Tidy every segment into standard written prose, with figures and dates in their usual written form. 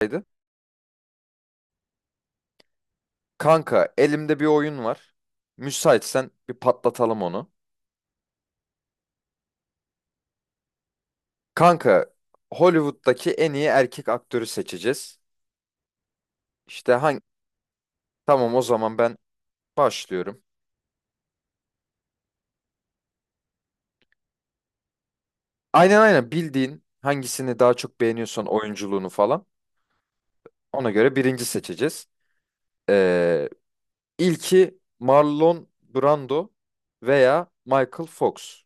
Haydi. Kanka elimde bir oyun var. Müsaitsen bir patlatalım onu. Kanka Hollywood'daki en iyi erkek aktörü seçeceğiz. İşte hangi... Tamam o zaman ben başlıyorum. Aynen aynen bildiğin hangisini daha çok beğeniyorsan oyunculuğunu falan. Ona göre birinci seçeceğiz. Ee, ilki Marlon Brando veya Michael Fox.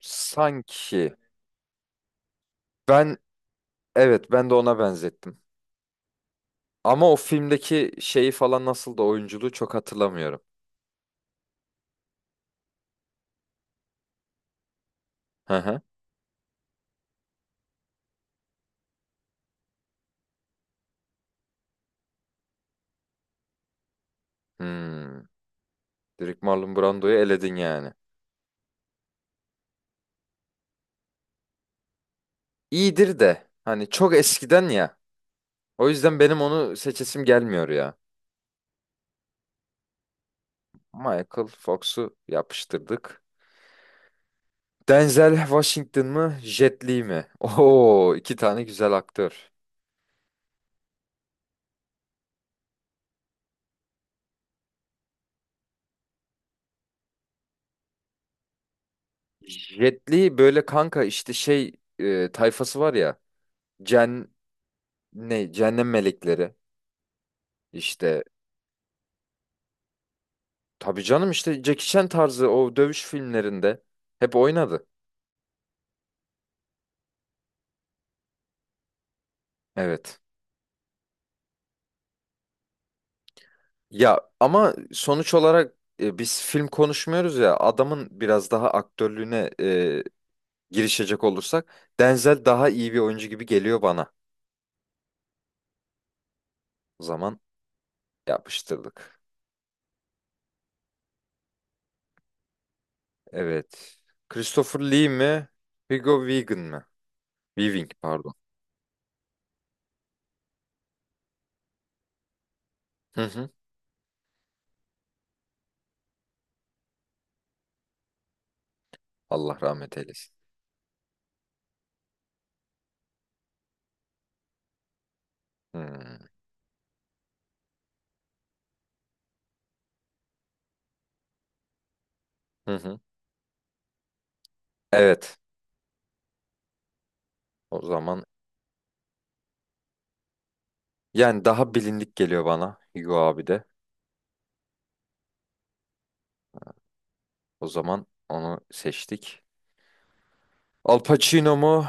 Sanki ben evet ben de ona benzettim. Ama o filmdeki şeyi falan nasıl da oyunculuğu çok hatırlamıyorum. Hı hı. Hmm. Direkt Marlon Brando'yu eledin yani. İyidir de hani çok eskiden ya. O yüzden benim onu seçesim gelmiyor ya. Michael Fox'u yapıştırdık. Denzel Washington mı, Jet Li mi? Oo, iki tane güzel aktör. Jet Li böyle kanka işte tayfası var ya. Cen ne? Cehennem melekleri. İşte tabii canım işte Jackie Chan tarzı o dövüş filmlerinde hep oynadı. Evet. Ya ama sonuç olarak biz film konuşmuyoruz ya adamın biraz daha aktörlüğüne girişecek olursak Denzel daha iyi bir oyuncu gibi geliyor bana. O zaman yapıştırdık. Evet. Christopher Lee mi? Hugo Weaving mi? Weaving pardon. Hı hı. Allah rahmet eylesin. Hmm. Hı hı. Evet. O zaman yani daha bilindik geliyor bana Hugo abi de. O zaman onu seçtik. Al Pacino mu?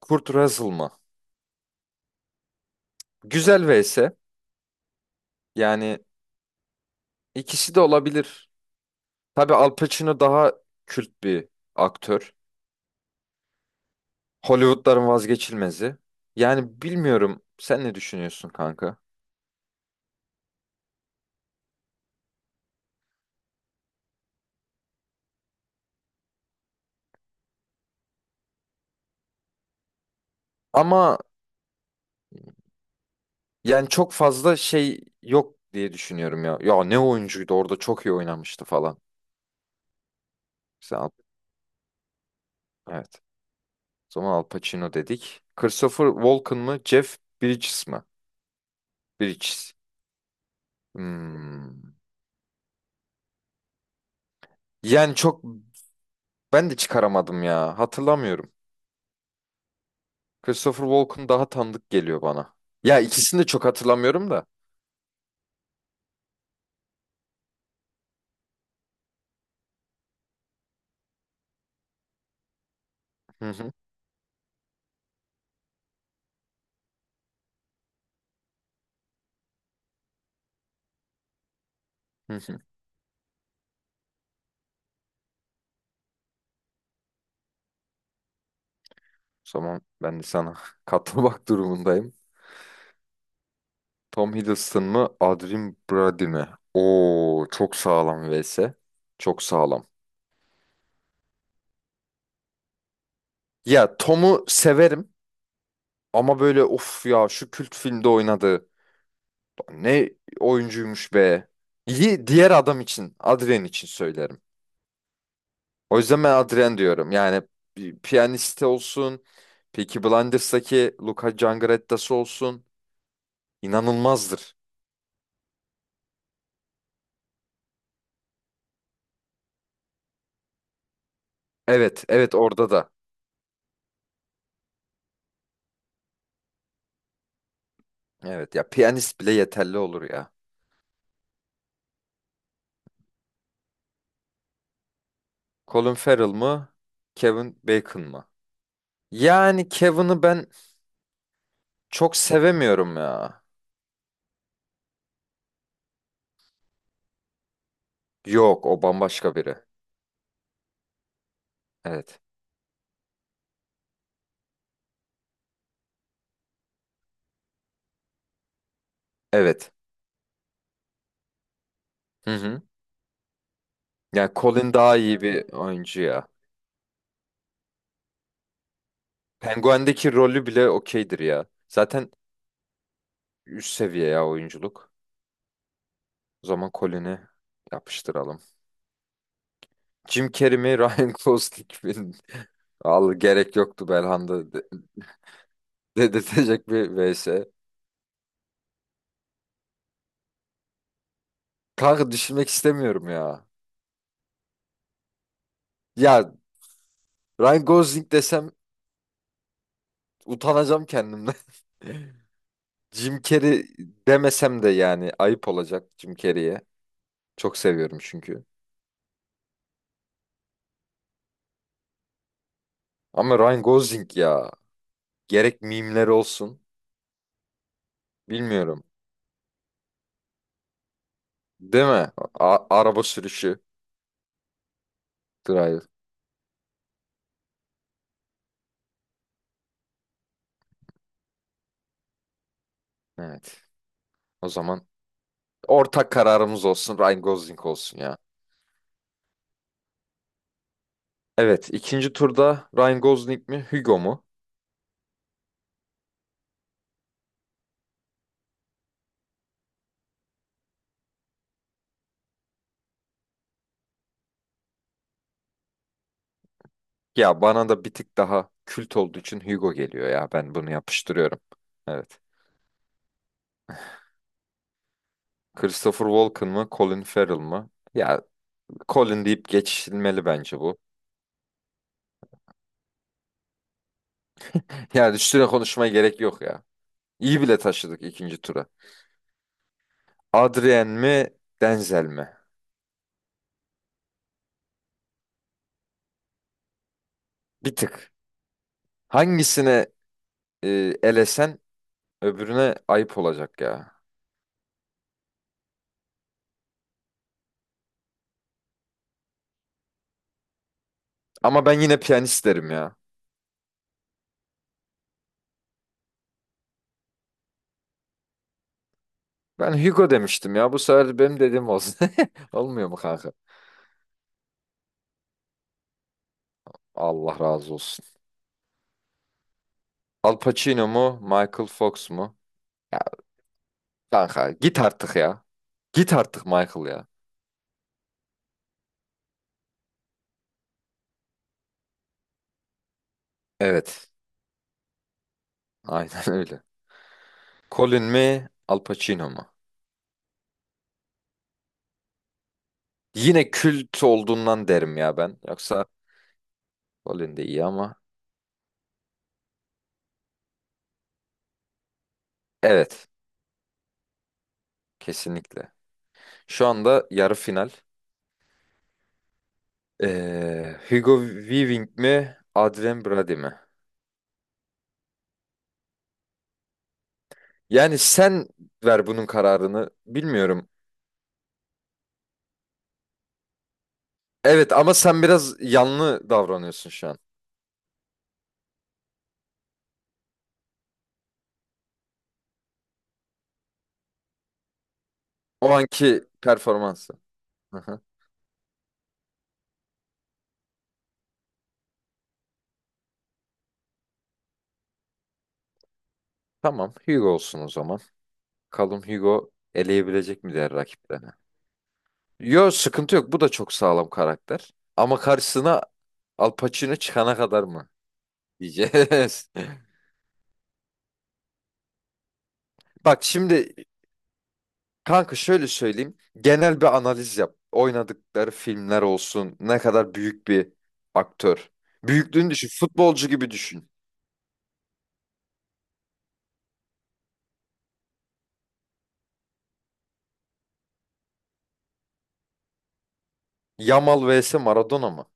Kurt Russell mı? Güzel vs. Yani ikisi de olabilir. Tabii Al Pacino daha kült bir aktör. Hollywood'ların vazgeçilmezi. Yani bilmiyorum sen ne düşünüyorsun kanka? Ama yani çok fazla şey yok diye düşünüyorum ya. Ya ne oyuncuydu orada çok iyi oynamıştı falan. Sen Al- evet. O zaman Al Pacino dedik. Christopher Walken mı? Jeff Bridges mi? Bridges. Hmm. Yani ben de çıkaramadım ya. Hatırlamıyorum. Christopher Walken daha tanıdık geliyor bana. Ya ikisini de çok hatırlamıyorum da. Hı hı. Hı hı. O zaman ben de sana katılmak durumundayım. Tom Hiddleston mı, Adrien Brody mi? Oo, çok sağlam vs. Çok sağlam. Ya Tom'u severim ama böyle of ya şu kült filmde oynadı. Ne oyuncuymuş be. Diğer adam için, Adrien için söylerim. O yüzden ben Adrien diyorum. Yani bir piyaniste olsun, Peaky Blinders'daki Luca Cangarettası olsun inanılmazdır. Evet, evet orada da. Evet ya piyanist bile yeterli olur ya. Colin Farrell mı? Kevin Bacon mı? Yani Kevin'i ben çok sevemiyorum ya. Yok o bambaşka biri. Evet. Evet. Hı hı. Yani Colin daha iyi bir oyuncu ya. Penguin'deki rolü bile okeydir ya. Zaten üst seviye ya oyunculuk. O zaman Colin'i yapıştıralım. Jim Carrey mi Ryan Gosling mi? Al gerek yoktu Belhanda de- dedirtecek bir vs. Kanka düşünmek istemiyorum ya. Ya Ryan Gosling desem utanacağım kendimden. Jim Carrey demesem de yani ayıp olacak Jim Carrey'e. Çok seviyorum çünkü. Ama Ryan Gosling ya. Gerek mimleri olsun. Bilmiyorum. Değil mi? Araba sürüşü. Drive. Evet. O zaman ortak kararımız olsun Ryan Gosling olsun ya. Evet, ikinci turda Ryan Gosling mi Hugo mu? Ya bana da bir tık daha kült olduğu için Hugo geliyor ya, ben bunu yapıştırıyorum. Evet. Christopher Walken mı Colin Farrell mı? Ya Colin deyip geçilmeli bence bu. Yani üstüne konuşmaya gerek yok ya. İyi bile taşıdık ikinci tura. Adrien mi Denzel mi? Bir tık. Hangisine e, elesen öbürüne ayıp olacak ya. Ama ben yine piyanist derim ya. Ben Hugo demiştim ya. Bu sefer benim dediğim olsun. Olmuyor mu kanka? Allah razı olsun. Al Pacino mu? Michael Fox mu? Ya kanka git artık ya. Git artık Michael ya. Evet. Aynen öyle. Colin mi? Al Pacino mu? Yine kült olduğundan derim ya ben. Yoksa Colin de iyi ama. Evet. Kesinlikle. Şu anda yarı final. Hugo Weaving mi? Adrien Brody mi? Yani sen ver bunun kararını. Bilmiyorum. Evet ama sen biraz yanlı davranıyorsun şu an. O anki performansı. Hı hı. Tamam, Hugo olsun o zaman. Bakalım Hugo eleyebilecek mi diğer rakiplerini? Yo, sıkıntı yok. Bu da çok sağlam karakter. Ama karşısına Al Pacino çıkana kadar mı diyeceğiz. Bak şimdi kanka şöyle söyleyeyim. Genel bir analiz yap. Oynadıkları filmler olsun. Ne kadar büyük bir aktör. Büyüklüğünü düşün. Futbolcu gibi düşün. Yamal vs Maradona mı?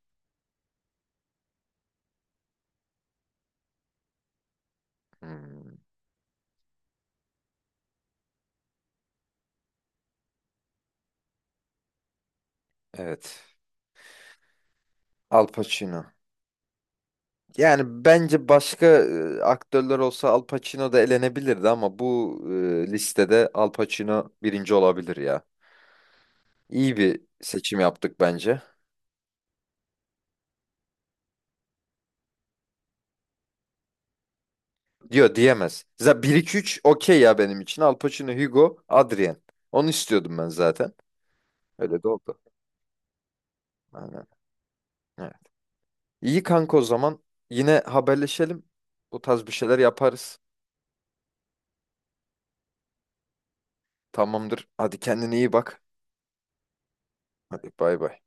Hmm. Evet. Al Pacino. Yani bence başka aktörler olsa Al Pacino da elenebilirdi ama bu listede Al Pacino birinci olabilir ya. İyi bir seçim yaptık bence. Diyor diyemez. Zaten 1-2-3 okey ya benim için. Al Pacino, Hugo, Adrien. Onu istiyordum ben zaten. Öyle de oldu. Aynen. Evet. İyi kanka o zaman. Yine haberleşelim. Bu tarz bir şeyler yaparız. Tamamdır. Hadi kendine iyi bak. Hadi bay bay.